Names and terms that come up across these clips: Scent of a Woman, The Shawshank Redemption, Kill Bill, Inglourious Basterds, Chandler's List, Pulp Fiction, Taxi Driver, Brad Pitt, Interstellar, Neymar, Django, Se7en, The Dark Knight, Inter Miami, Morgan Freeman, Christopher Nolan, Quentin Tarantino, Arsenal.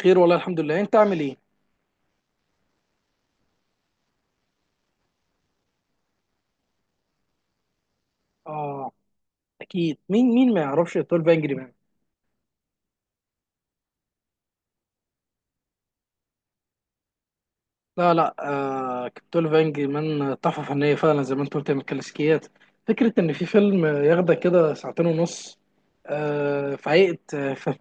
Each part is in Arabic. خير، والله الحمد لله. انت عامل ايه؟ اه، اكيد. مين ما يعرفش 12 انجري مان؟ لا، لا. آه، 12 انجري مان تحفه فنيه فعلا، زي ما انت قلت، من الكلاسيكيات. فكره ان في فيلم ياخدك كده ساعتين ونص. في هيئه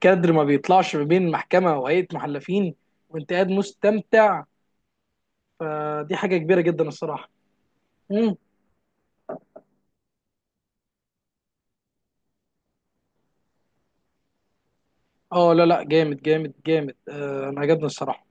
كادر ما بيطلعش ما بين محكمه وهيئه محلفين. وانت قاعد مستمتع. فدي حاجه كبيره جدا الصراحه. مم. اه، لا، لا، جامد جامد جامد. انا عجبني الصراحه.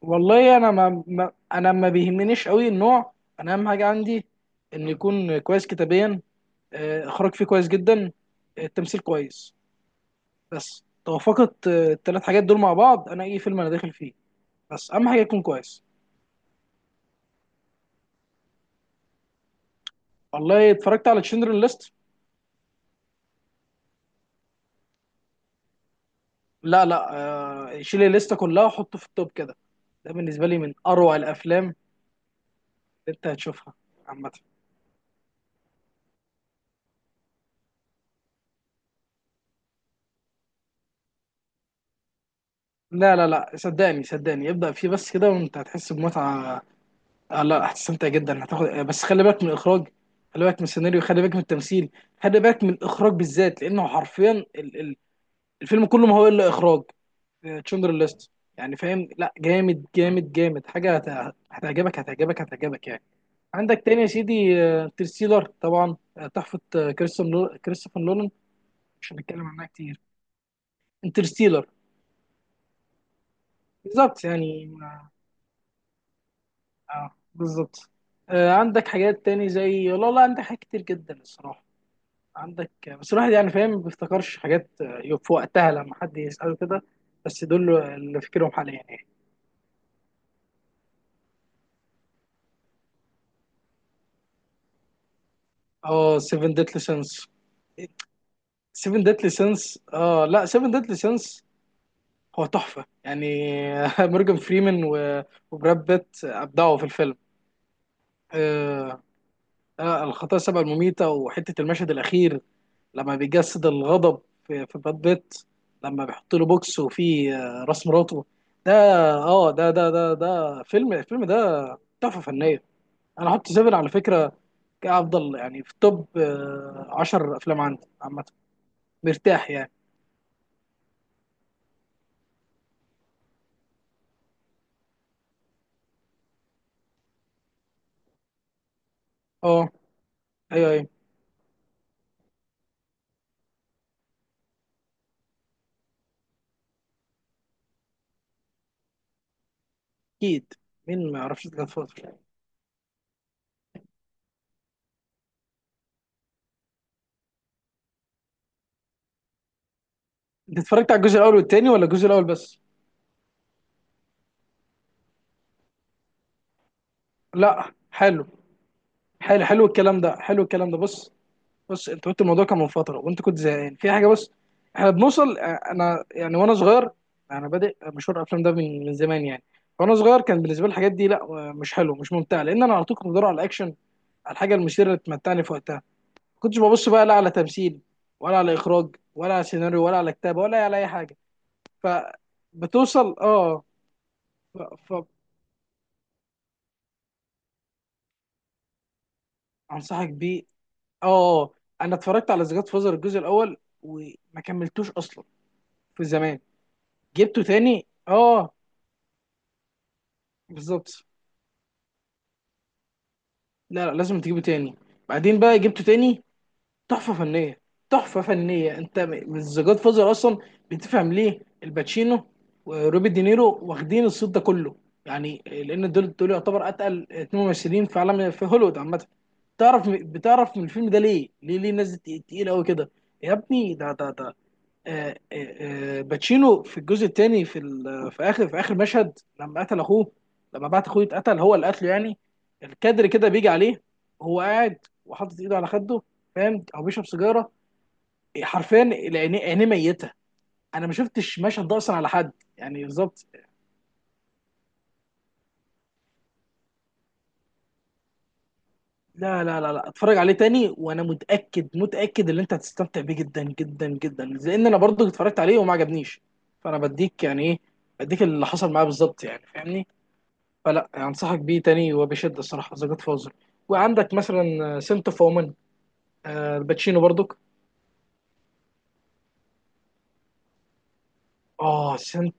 والله انا ما بيهمنيش قوي النوع. انا اهم حاجه عندي ان يكون كويس كتابيا، اخراج فيه كويس جدا، التمثيل كويس. بس توافقت الثلاث حاجات دول مع بعض، انا اي فيلم انا داخل فيه. بس اهم حاجه يكون كويس. والله اتفرجت على تشندرن ليست. لا، لا. شيل الليسته كلها وحطه في التوب كده. ده بالنسبه لي من اروع الافلام اللي انت هتشوفها عامه. لا، لا، لا، صدقني صدقني، ابدا فيه بس كده وانت هتحس بمتعه. لا، هتستمتع جدا. هتاخد بس خلي بالك من الاخراج. خلي بالك من السيناريو. خلي بالك من التمثيل. خلي بالك من الاخراج بالذات، لانه حرفيا الفيلم كله ما هو الا اخراج. تشندر ليست. يعني فاهم، لا، جامد جامد جامد، حاجه هتعجبك هتعجبك هتعجبك يعني. عندك تاني يا سيدي، انترستيلر طبعا، تحفه، كريستوفر نولان. مش هنتكلم عنها كتير. انترستيلر. بالظبط يعني، اه. بالظبط. عندك حاجات تاني زي، لا، لا، عندك حاجات كتير جدا الصراحه. عندك بس الواحد يعني فاهم ما بيفتكرش حاجات في وقتها لما حد يسأله كده. بس دول اللي فاكرهم حاليا يعني. اه، 7 ديتلي سينس. 7 ديتلي سينس، اه لا، 7 ديتلي سينس. هو تحفة يعني. مورجان فريمان وبراد بيت أبدعوا في الفيلم. آه. الخطايا السبع المميتة، وحتة المشهد الأخير لما بيجسد الغضب في براد بيت. لما بيحط له بوكس وفيه راس مراته. ده. اه، ده الفيلم ده تحفه فنيه. انا هحط سيفن على فكره كافضل يعني في توب 10 افلام عندي عامه. مرتاح يعني. اه، ايوه، ايوه، اكيد. مين ما يعرفش جاد فاذر؟ انت اتفرجت على الجزء الاول والتاني ولا الجزء الاول بس؟ لا، حلو. حلو حلو الكلام ده، حلو الكلام ده، بص. بص، انت قلت الموضوع كان من فتره وانت كنت زهقان في حاجه، بس احنا بنوصل انا يعني وانا صغير، انا بادئ مشوار الافلام ده من زمان يعني. وانا صغير كان بالنسبه لي الحاجات دي، لا، مش حلو مش ممتع، لان انا على طول كنت بدور على الاكشن، على الحاجه المثيره اللي تمتعني في وقتها. ما كنتش ببص بقى لا على تمثيل، ولا على اخراج، ولا على سيناريو، ولا على كتابه، ولا على اي حاجه. فبتوصل، اه، ف... انصحك بيه. اه، اه. آه. انا اتفرجت على ذا جاد فازر الجزء الاول وما كملتوش اصلا في زمان. جبته تاني، اه. بالظبط. لا، لا، لازم تجيبه تاني. بعدين بقى جبته تاني. تحفة فنية. تحفة فنية، انت الزجاج فازر اصلا بتفهم ليه الباتشينو وروبي دينيرو واخدين الصوت ده كله، يعني لان دول يعتبر اتقل اتنين ممثلين في عالم، في هوليوود عامة. بتعرف من الفيلم ده ليه ليه ليه الناس دي تقيلة قوي كده. يا ابني، ده باتشينو في الجزء الثاني، في اخر مشهد لما قتل اخوه، لما بعت اخوه يتقتل، هو اللي قتله يعني. الكادر كده بيجي عليه، هو قاعد وحاطط ايده على خده، فاهم؟ او بيشرب سيجاره. حرفيا عينيه ميته. انا ما شفتش المشهد ده اصلا على حد. يعني بالظبط. لا، لا، لا، لا، اتفرج عليه تاني، وانا متاكد متاكد ان انت هتستمتع بيه جدا جدا جدا، لان انا برضه اتفرجت عليه وما عجبنيش. فانا بديك يعني ايه، بديك اللي حصل معاه بالظبط، يعني فاهمني؟ فلا، انصحك بيه تاني وبشده الصراحه، ذا جاد فازر. وعندك مثلا سنت اوف وومن، الباتشينو برضك. اه، سنت،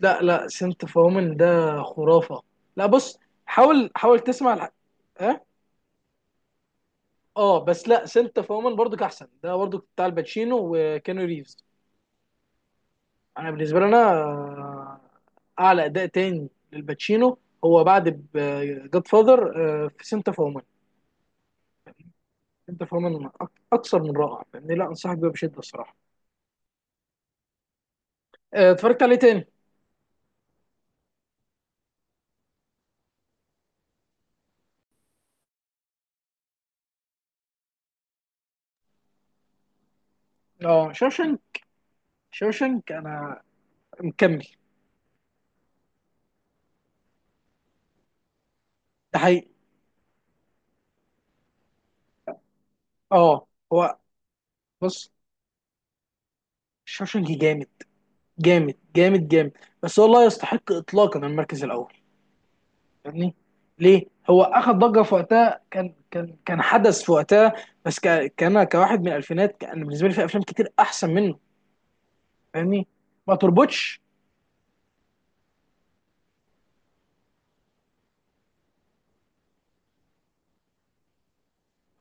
لا، لا، سنت اوف وومن ده خرافه. لا، بص، حاول حاول تسمع اه. اه، بس لا، سنت اوف وومن برضك احسن. ده برضك بتاع الباتشينو وكانو ريفز. انا بالنسبه لي انا، اعلى اداء تاني للباتشينو هو بعد جاد فاذر في سنت اوف وومن. سنت اوف وومن اكثر من رائع يعني. لا، انصحك بيه بشده الصراحه. اتفرجت عليه تاني. اه، شوشنك. شوشنك، انا مكمل. ده حقيقي. اه. هو، بص، شوشنك جامد، جامد جامد جامد. بس هو لا يستحق اطلاقا المركز الاول. فاهمني؟ ليه؟ هو اخذ ضجه في وقتها، كان حدث في وقتها، بس ك... كان كواحد من الالفينات، كان بالنسبه لي في افلام كتير احسن منه. فاهمني؟ ما تربطش.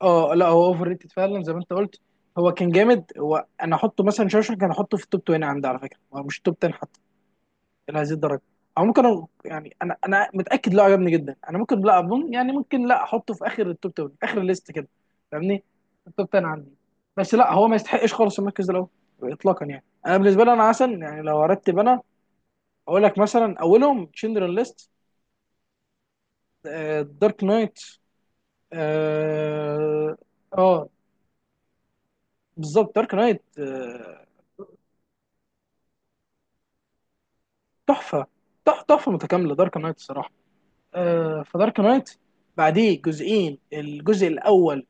اه، لا، هو اوفر ريتد فعلا زي ما انت قلت. هو كان جامد. انا احطه مثلا شوشنك، انا احطه في التوب 20 عندي على فكره. هو مش التوب 10 حتى الى هذه الدرجه. او ممكن يعني انا متاكد، لا، عجبني جدا. انا ممكن، لا اظن يعني، ممكن لا احطه في اخر التوب 10، اخر الليست كده. فاهمني؟ التوب 10 عندي. بس لا، هو ما يستحقش خالص المركز ده الاول اطلاقا يعني. انا بالنسبه لي انا عسل يعني. لو ارتب انا اقول لك: مثلا اولهم تشندرن ليست، دارك نايت. اه. آه، بالظبط، دارك نايت، تحفه. تحفه متكامله دارك نايت الصراحه. فدارك نايت، بعديه جزئين: الجزء الاول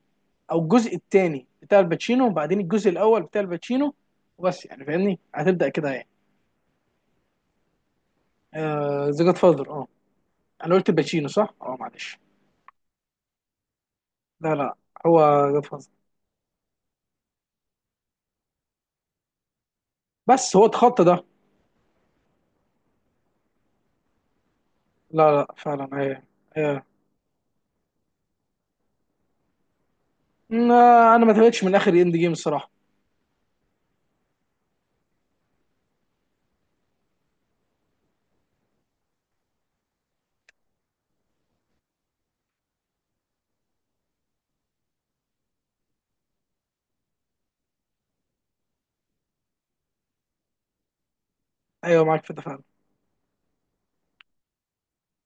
او الجزء الثاني بتاع الباتشينو، وبعدين الجزء الاول بتاع الباتشينو. وبس يعني. فاهمني؟ هتبدا كده يعني. آه، ذا جاد فاذر، اه. انا قلت الباتشينو صح؟ اه، معلش. لا، لا، هو جاد فاذر. بس هو اتخطى ده. لا، لا، فعلا، ايوه، ايوه. لا، انا ما تابعتش من اخر اند جيم الصراحه. ايوه، معاك في ده فعلا.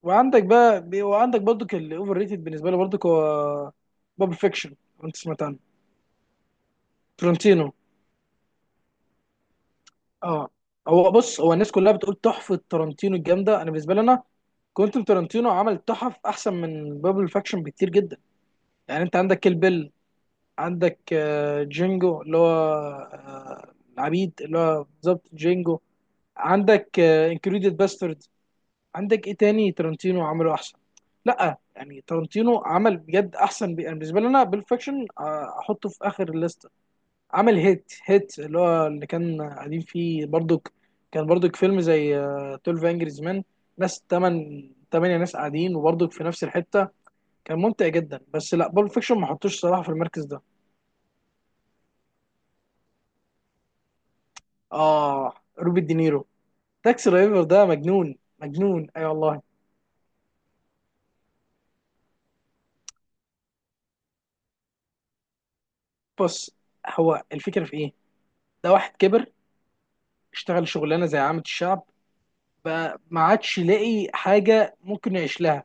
وعندك برضك الاوفر ريتد بالنسبه لي برضك، هو باب فيكشن. انت سمعت عنه؟ ترنتينو. اه. بص، هو الناس كلها بتقول تحفه ترنتينو الجامده. انا بالنسبه لي انا، كوينتن تارانتينو عمل تحف احسن من بابل فاكشن بكتير جدا. يعني انت عندك كيل بيل، عندك جينجو اللي هو العبيد، اللي هو بالظبط جينجو. عندك انكريديد باسترد. عندك ايه تاني تارانتينو عمله احسن؟ لا يعني تارانتينو عمل بجد احسن، يعني بالنسبه لي انا بيل فاكشن احطه في اخر الليست. عمل هيت هيت اللي هو اللي كان قاعدين فيه برضك، كان برضك فيلم زي 12 انجريز مان. ناس تمن تمانية ناس قاعدين وبرضك في نفس الحتة. كان ممتع جدا. بس لا، بول فيكشن ما حطوش صراحة في المركز ده. اه، روبي دينيرو. تاكسي درايفر ده مجنون مجنون، اي، أيوة والله. بص، هو الفكرة في ايه؟ ده واحد كبر، اشتغل شغلانة زي عامة الشعب، بقى ما عادش لاقي حاجة ممكن يعيش لها.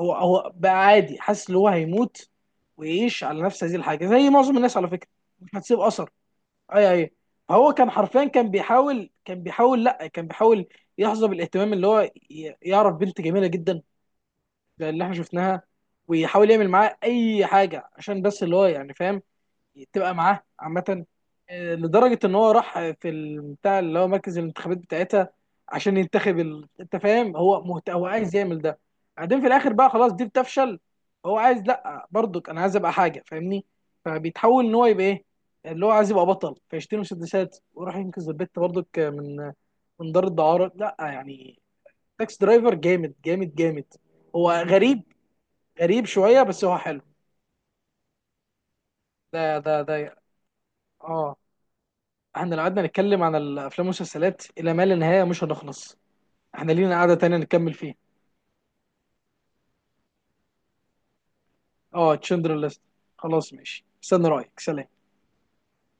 هو بقى عادي، حاسس ان هو هيموت ويعيش على نفس هذه الحاجه زي معظم الناس على فكره. مش هتسيب اثر. اي، اي. هو كان حرفيا كان بيحاول كان بيحاول لا كان بيحاول يحظى بالاهتمام، اللي هو يعرف بنت جميله جدا، زي اللي احنا شفناها، ويحاول يعمل معاها اي حاجه عشان بس اللي هو يعني، فاهم؟ تبقى معاه عامة. لدرجة إن هو راح في البتاع اللي هو مركز الانتخابات بتاعتها عشان ينتخب أنت فاهم. هو هو عايز يعمل ده. بعدين في الآخر بقى، خلاص دي بتفشل. هو عايز، لأ برضك أنا عايز أبقى حاجة، فاهمني؟ فبيتحول إن هو يبقى إيه، اللي هو عايز يبقى بطل فيشتري مسدسات وراح ينقذ البت برضك من دار الدعارة، لأ يعني. تاكس درايفر جامد جامد جامد. هو غريب، غريب شوية، بس هو حلو. ده اه. احنا لو قعدنا نتكلم عن الافلام والمسلسلات الى ما لا نهايه مش هنخلص. احنا لينا قعده تانية نكمل فيها. اه، تشندر ليست. خلاص، ماشي، استنى رايك، سلام.